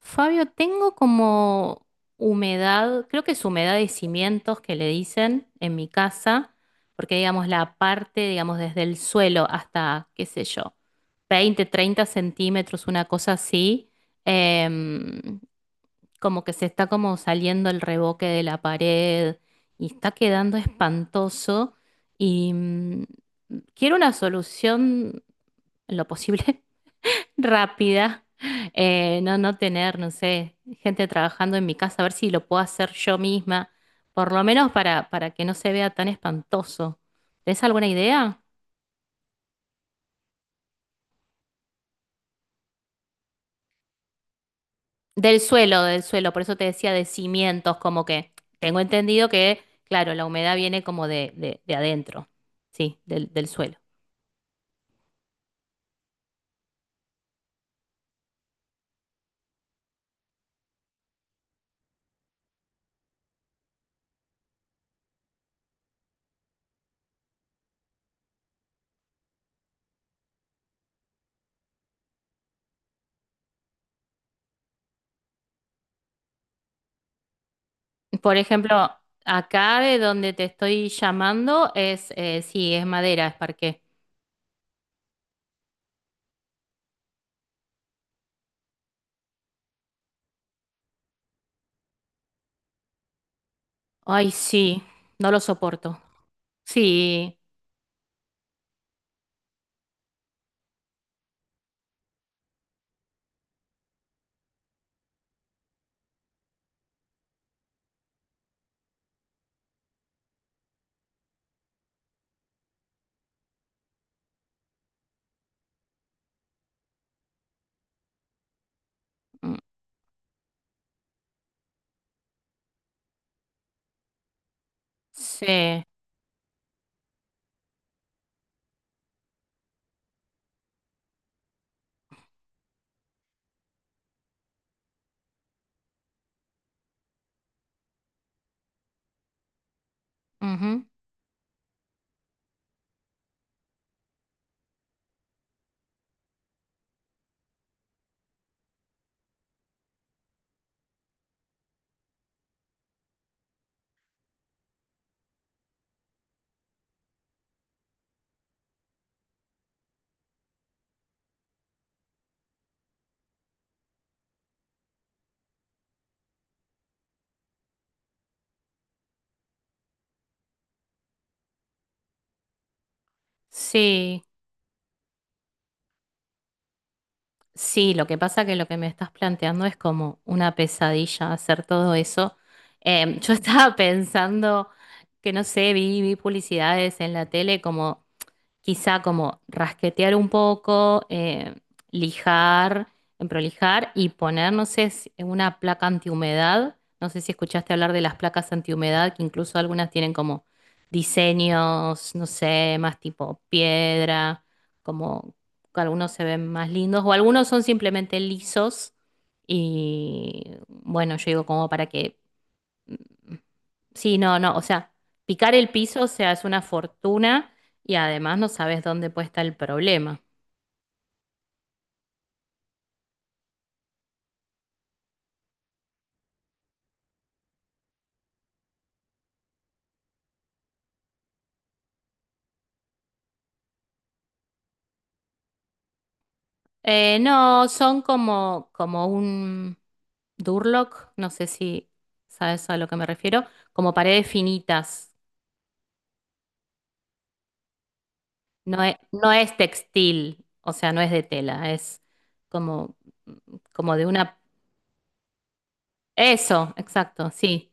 Fabio, tengo como humedad, creo que es humedad de cimientos que le dicen en mi casa, porque digamos la parte, digamos desde el suelo hasta, qué sé yo, 20, 30 centímetros, una cosa así, em, como que se está como saliendo el revoque de la pared y está quedando espantoso y quiero una solución en lo posible rápida, no, no tener, no sé, gente trabajando en mi casa, a ver si lo puedo hacer yo misma, por lo menos para que no se vea tan espantoso. ¿Tenés alguna idea? Del suelo, por eso te decía de cimientos, como que tengo entendido que, claro, la humedad viene como de adentro, sí, del suelo. Por ejemplo, acá de donde te estoy llamando es, sí, es madera, es parqué. Ay, sí, no lo soporto. Sí. Mm. Sí. Ujú. Sí, sí, lo que pasa que lo que me estás planteando es como una pesadilla hacer todo eso. Yo estaba pensando que, no sé, vi publicidades en la tele como quizá como rasquetear un poco, lijar, prolijar y poner, no sé, una placa antihumedad. No sé si escuchaste hablar de las placas antihumedad, que incluso algunas tienen como diseños, no sé, más tipo piedra, como que algunos se ven más lindos, o algunos son simplemente lisos. Y bueno, yo digo como para que... Sí, no, no, o sea, picar el piso, o sea, es una fortuna y además no sabes dónde puede estar el problema. No, son como un Durlock, no sé si sabes a lo que me refiero, como paredes finitas. No es textil, o sea, no es de tela, es como, como de una... Eso, exacto, sí.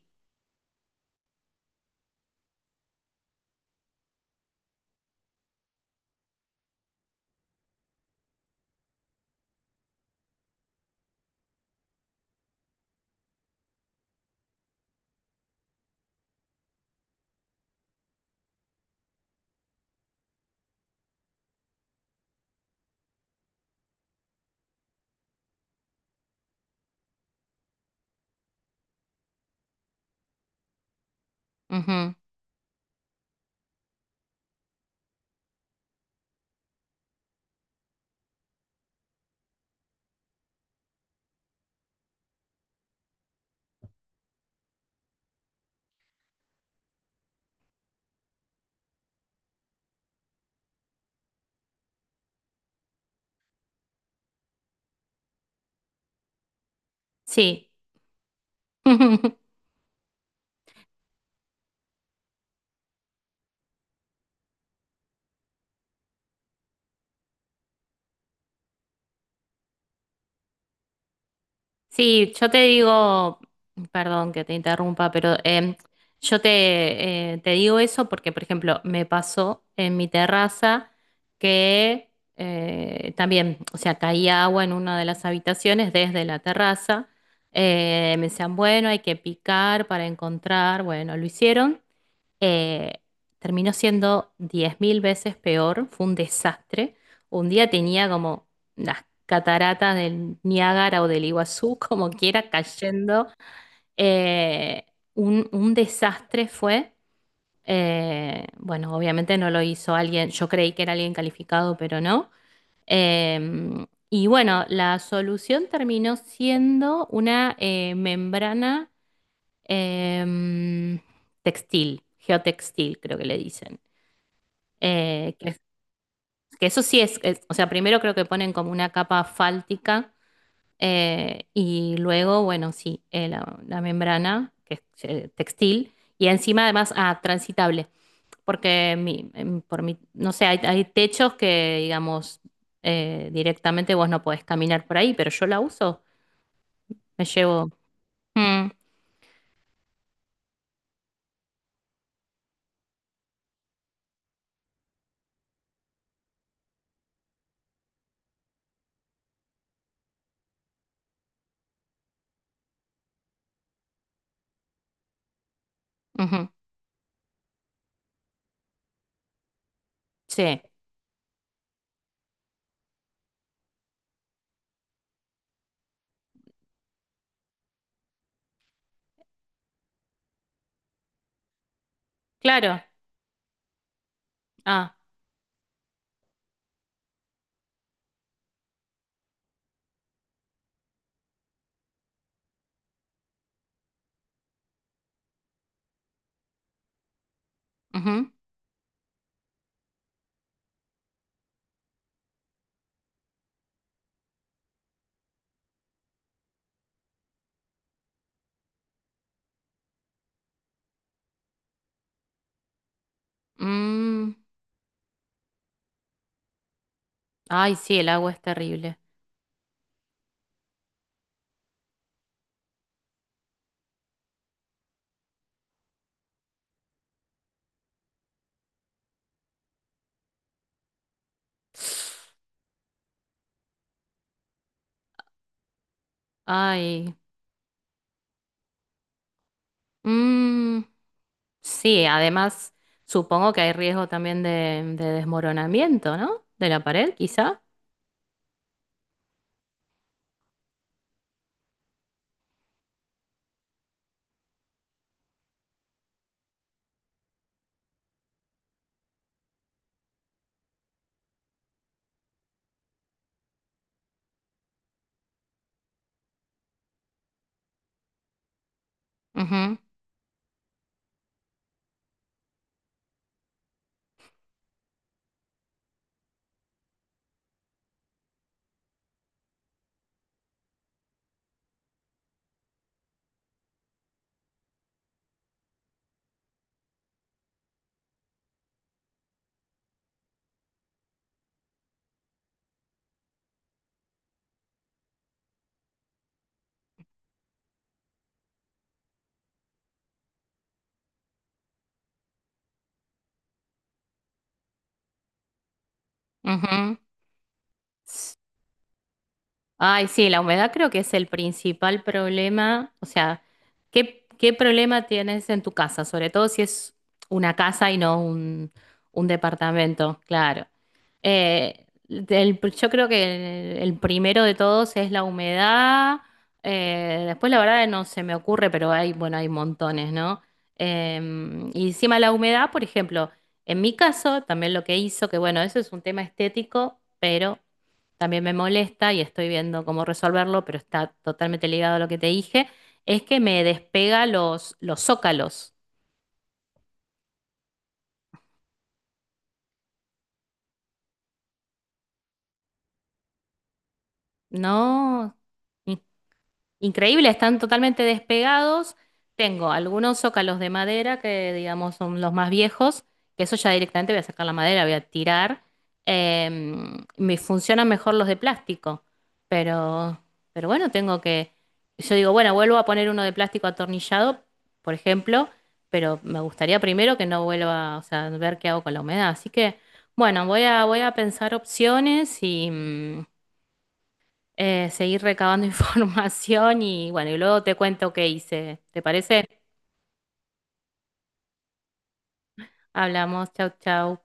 Ujú, sí. Sí, yo te digo, perdón que te interrumpa, pero yo te digo eso porque, por ejemplo, me pasó en mi terraza que también, o sea, caía agua en una de las habitaciones desde la terraza. Me decían, bueno, hay que picar para encontrar, bueno, lo hicieron eh, terminó siendo 10.000 veces peor, fue un desastre. Un día tenía como las cataratas del Niágara o del Iguazú, como quiera, cayendo. Eh, un desastre fue. Bueno, obviamente no lo hizo alguien, yo creí que era alguien calificado, pero no. Eh, y bueno, la solución terminó siendo una membrana em, textil, geotextil, creo que le dicen. Eh, que, que eso sí es, o sea, primero creo que ponen como una capa fáltica y luego, bueno, sí, la membrana, que es textil, y encima además transitable, porque por mi, no sé, hay techos que, digamos, directamente vos no podés caminar por ahí, pero yo la uso, me llevo... Mm, ujú, sí, claro. Ah, ujú, mm. Ay, sí, el agua es terrible. Ay. Mm, sí, además supongo que hay riesgo también de desmoronamiento, ¿no? De la pared, quizá. Ujú, ujú. Ay, sí, la humedad creo que es el principal problema. O sea, ¿qué problema tienes en tu casa? Sobre todo si es una casa y no un, un departamento, claro. Yo creo que el primero de todos es la humedad. Después, la verdad, no se me ocurre, pero hay, bueno, hay montones, ¿no? Y encima la humedad, por ejemplo, en mi caso, también lo que hizo, que bueno, eso es un tema estético, pero también me molesta y estoy viendo cómo resolverlo, pero está totalmente ligado a lo que te dije, es que me despega los zócalos. No. Increíble, están totalmente despegados. Tengo algunos zócalos de madera que, digamos, son los más viejos, que eso ya directamente voy a sacar la madera, voy a tirar. Me funcionan mejor los de plástico, pero, pero, bueno, tengo que... Yo digo, bueno, vuelvo a poner uno de plástico atornillado, por ejemplo, pero me gustaría primero que no vuelva, o sea, ver qué hago con la humedad. Así que, bueno, voy a pensar opciones y seguir recabando información y bueno, y luego te cuento qué hice. ¿Te parece? Hablamos, chau, chau.